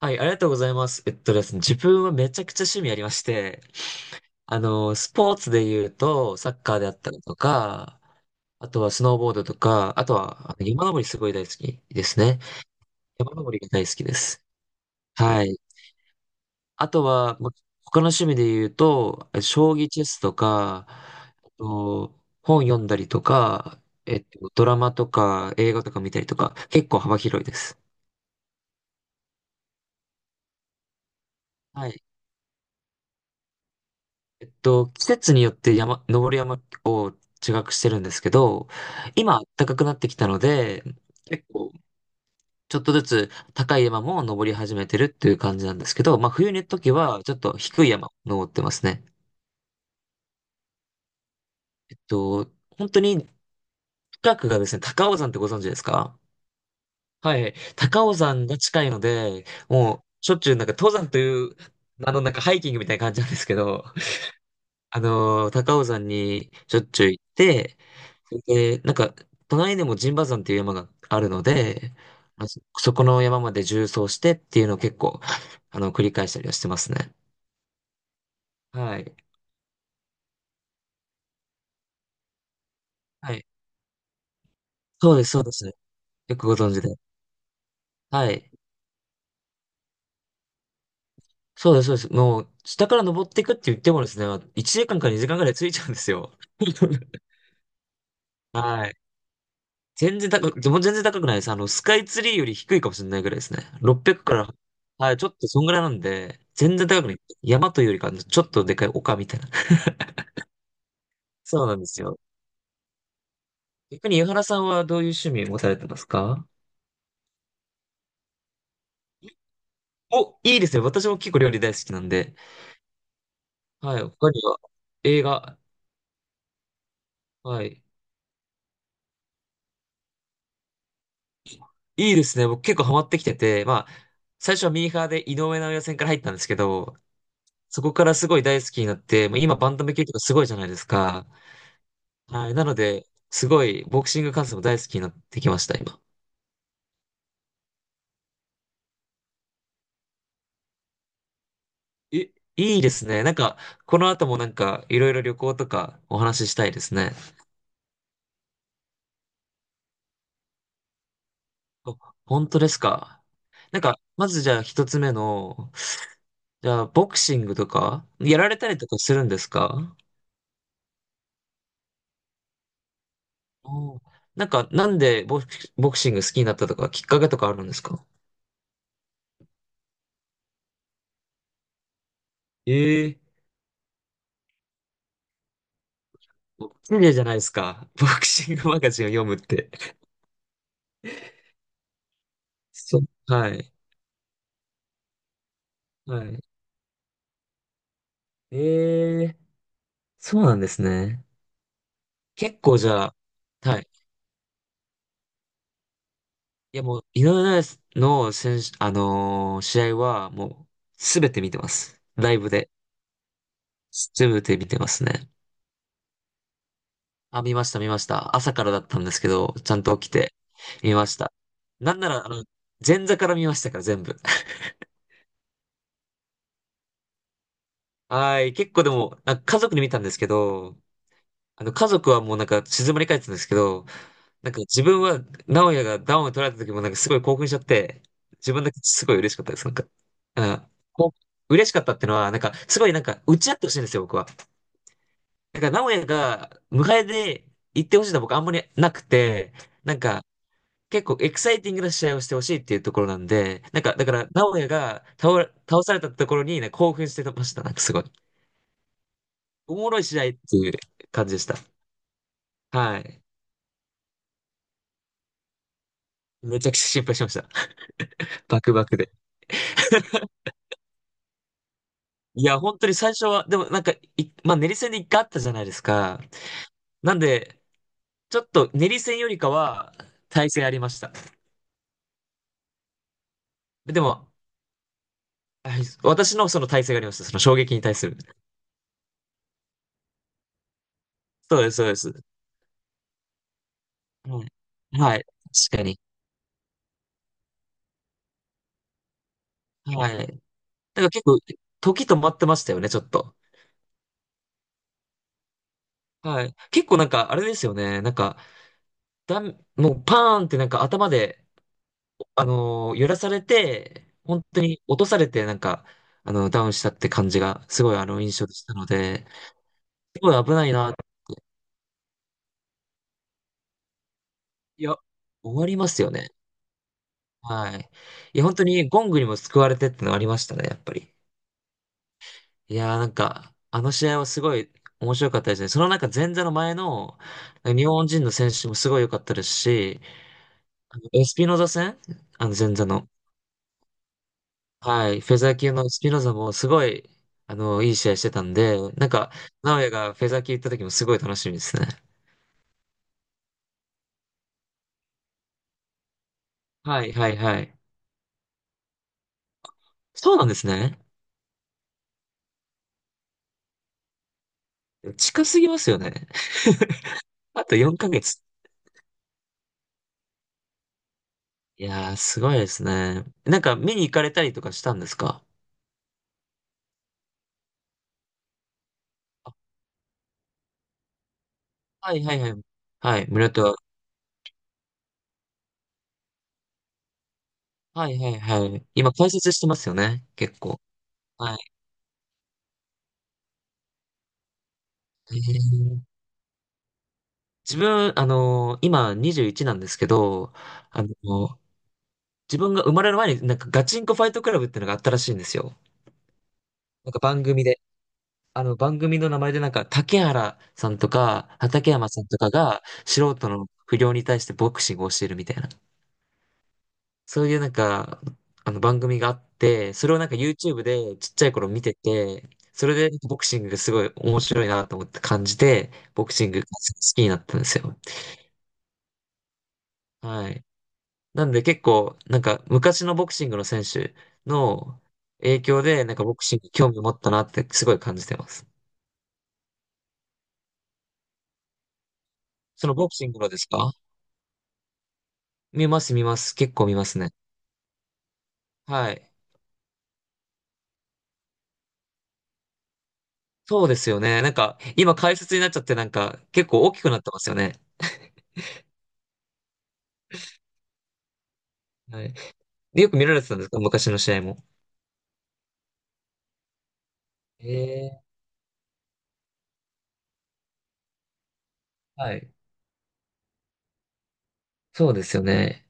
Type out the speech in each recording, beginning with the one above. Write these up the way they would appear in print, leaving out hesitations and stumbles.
はい、ありがとうございます。ですね、自分はめちゃくちゃ趣味ありまして、スポーツで言うと、サッカーであったりとか、あとはスノーボードとか、あとは山登りすごい大好きですね。山登りが大好きです。はい。あとは、他の趣味で言うと、将棋チェスとか、あと本読んだりとか、ドラマとか映画とか見たりとか、結構幅広いです。はい。季節によって登る山を違くしてるんですけど、今暖かくなってきたので、結構ちょっとずつ高い山も登り始めてるっていう感じなんですけど、まあ冬の時はちょっと低い山を登ってますね。えっと、本当に近くがですね、高尾山ってご存知ですか？はい。高尾山が近いので、もうしょっちゅうなんか登山という、なんかハイキングみたいな感じなんですけど、高尾山にしょっちゅう行って、で、なんか、隣にも陣馬山っていう山があるので、まあそこの山まで縦走してっていうのを結構、繰り返したりはしてますね。はい。はい。そうです、そうです。よくご存知で。はい。そうです、そうです。もう、下から登っていくって言ってもですね、1時間か2時間ぐらいついちゃうんですよ。はい。全然高く、でも全然高くないです。スカイツリーより低いかもしれないぐらいですね。600から、はい、ちょっとそんぐらいなんで、全然高くない。山というよりか、ちょっとでかい丘みたいな。そうなんですよ。逆に、井原さんはどういう趣味を持たれてますか？お、いいですね。私も結構料理大好きなんで。はい、他には、映画。はい。いいですね。僕結構ハマってきてて、まあ、最初はミーハーで井上尚弥戦から入ったんですけど、そこからすごい大好きになって、もう今バンタム級とかすごいじゃないですか。はい。なので、すごいボクシング観戦も大好きになってきました、今。え、いいですね。なんか、この後もなんか、いろいろ旅行とかお話ししたいですね。お。本当ですか？なんか、まずじゃあ一つ目の、じゃあボクシングとか、やられたりとかするんですか？おー。なんか、なんでボクシング好きになったとか、きっかけとかあるんですか？ええ。ボクじゃないですか。ボクシングマガジンを読むって。そう。はい。はい。ええ、そうなんですね。結構じゃあ、はい。いやもう、井上尚弥の選手、試合はもう、すべて見てます。ライブで。すべて見てますね。あ、見ました、見ました。朝からだったんですけど、ちゃんと起きて、見ました。なんなら、前座から見ましたから、全部。はい。結構でも、なんか家族に見たんですけど、家族はもうなんか静まり返ってたんですけど、なんか自分は、直哉がダウンを取られた時もなんかすごい興奮しちゃって、自分だけすごい嬉しかったです。なんか、うん。こう嬉しかったってのは、なんか、すごいなんか、打ち合ってほしいんですよ、僕は。なんか、直哉が、迎えで行ってほしいのは僕あんまりなくて、なんか、結構エキサイティングな試合をしてほしいっていうところなんで、なんか、だから、直哉が倒されたところに、ね、興奮してました。なんかすごい。おもろい試合っていう感じでした。はい。めちゃくちゃ心配しました。バクバクで。いや、本当に最初は、でもなんか、いまあ、練り戦で一回あったじゃないですか。なんで、ちょっと練り戦よりかは、耐性ありました。でも、はい私のその耐性がありました。その衝撃に対する。そうです、そうです。はい。はい。確かに。はい。なんか結構、時止まってましたよね、ちょっと。はい。結構なんか、あれですよね。なんか、もうパーンってなんか頭で、揺らされて、本当に落とされて、なんか、ダウンしたって感じが、すごい印象でしたので、すごい危ないなって。いや、終わりますよね。はい。いや、本当にゴングにも救われてってのありましたね、やっぱり。いやー、なんか、あの試合はすごい面白かったですね。そのなんか前座の前の、日本人の選手もすごい良かったですし、あのエスピノザ戦前座の。はい、フェザー級のスピノザもすごい、いい試合してたんで、なんか、直哉がフェザー級行った時もすごい楽しみですね。はい、はい、はい。そうなんですね。近すぎますよね。あと4ヶ月。いやー、すごいですね。なんか、見に行かれたりとかしたんですか？あ。はいはいはい。はい、村田は。はいはいはい。今、解説してますよね、結構。はい。へー。自分、今21なんですけど、あの自分が生まれる前になんかガチンコファイトクラブっていうのがあったらしいんですよ。なんか番組で。あの番組の名前でなんか竹原さんとか畠山さんとかが素人の不良に対してボクシングをしてるみたいな。そういうなんか、あの番組があって、それをなんか YouTube でちっちゃい頃見てて、それでボクシングがすごい面白いなと思って感じて、ボクシングが好きになったんですよ。はい。なんで結構、なんか昔のボクシングの選手の影響で、なんかボクシングに興味を持ったなってすごい感じてます。そのボクシングのですか？見ます見ます。結構見ますね。はい。そうですよね。なんか今解説になっちゃってなんか結構大きくなってますよね。はい。でよく見られてたんですか昔の試合も？ええ、はい。そうですよね。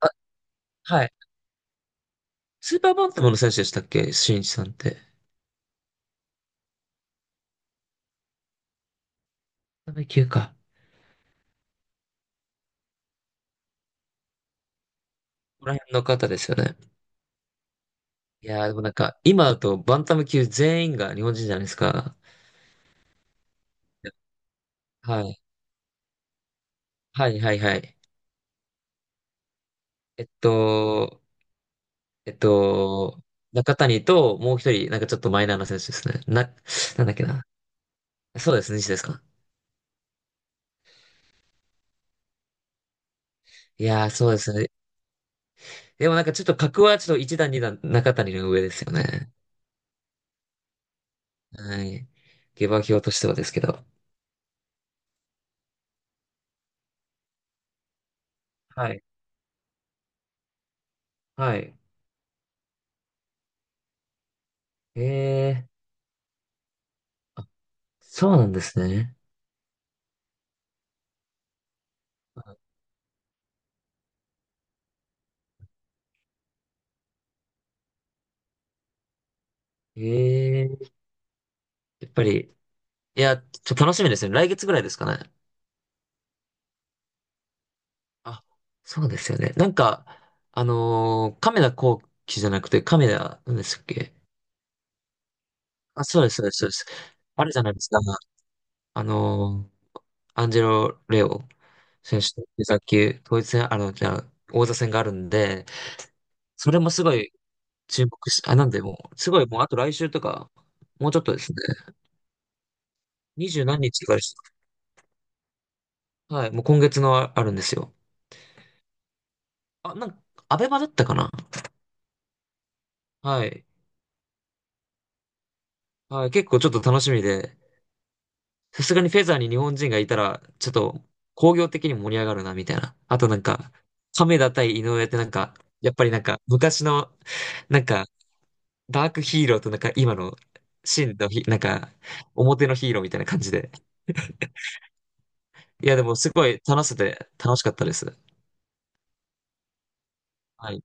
あ、はい。スーパーバンタムの選手でしたっけ新一さんって？階級か。ここら辺の方ですよね。いやー、でもなんか、今だとバンタム級全員が日本人じゃないですか。はい。はい、はい、はい。えっと、えっと、中谷ともう一人、なんかちょっとマイナーな選手ですね。なんだっけな。そうですね、西田ですか。いやー、そうですね。でもなんかちょっと格はちょっと一段二段中谷の上ですよね。はい。下馬評としてはですけど。はい。はい。ええー。あ、そうなんですね。ええー。やっぱり、いや、ちょっと楽しみですね。来月ぐらいですかね。あ、そうですよね。なんか、亀田光輝じゃなくて、亀田、何でしたっけ？あ、そうです、そうです、そうです。あるじゃないですか。あのーアンジェロ・レオ選手と野球、統一戦、じゃあ、王座戦があるんで、それもすごい注目し、あ、なんでもう、すごいもう、あと来週とか、もうちょっとですね。二十何日とかです。はい、もう今月のああるんですよ。あ、なんか、アベマだったかな。はい。はい、結構ちょっと楽しみで、さすがにフェザーに日本人がいたら、ちょっと工業的に盛り上がるな、みたいな。あとなんか、亀田対井上ってなんか、やっぱりなんか、昔の、なんか、ダークヒーローとなんか、今の、真のヒ、なんか、表のヒーローみたいな感じで。いや、でもすごい楽しくて楽しかったです。はい。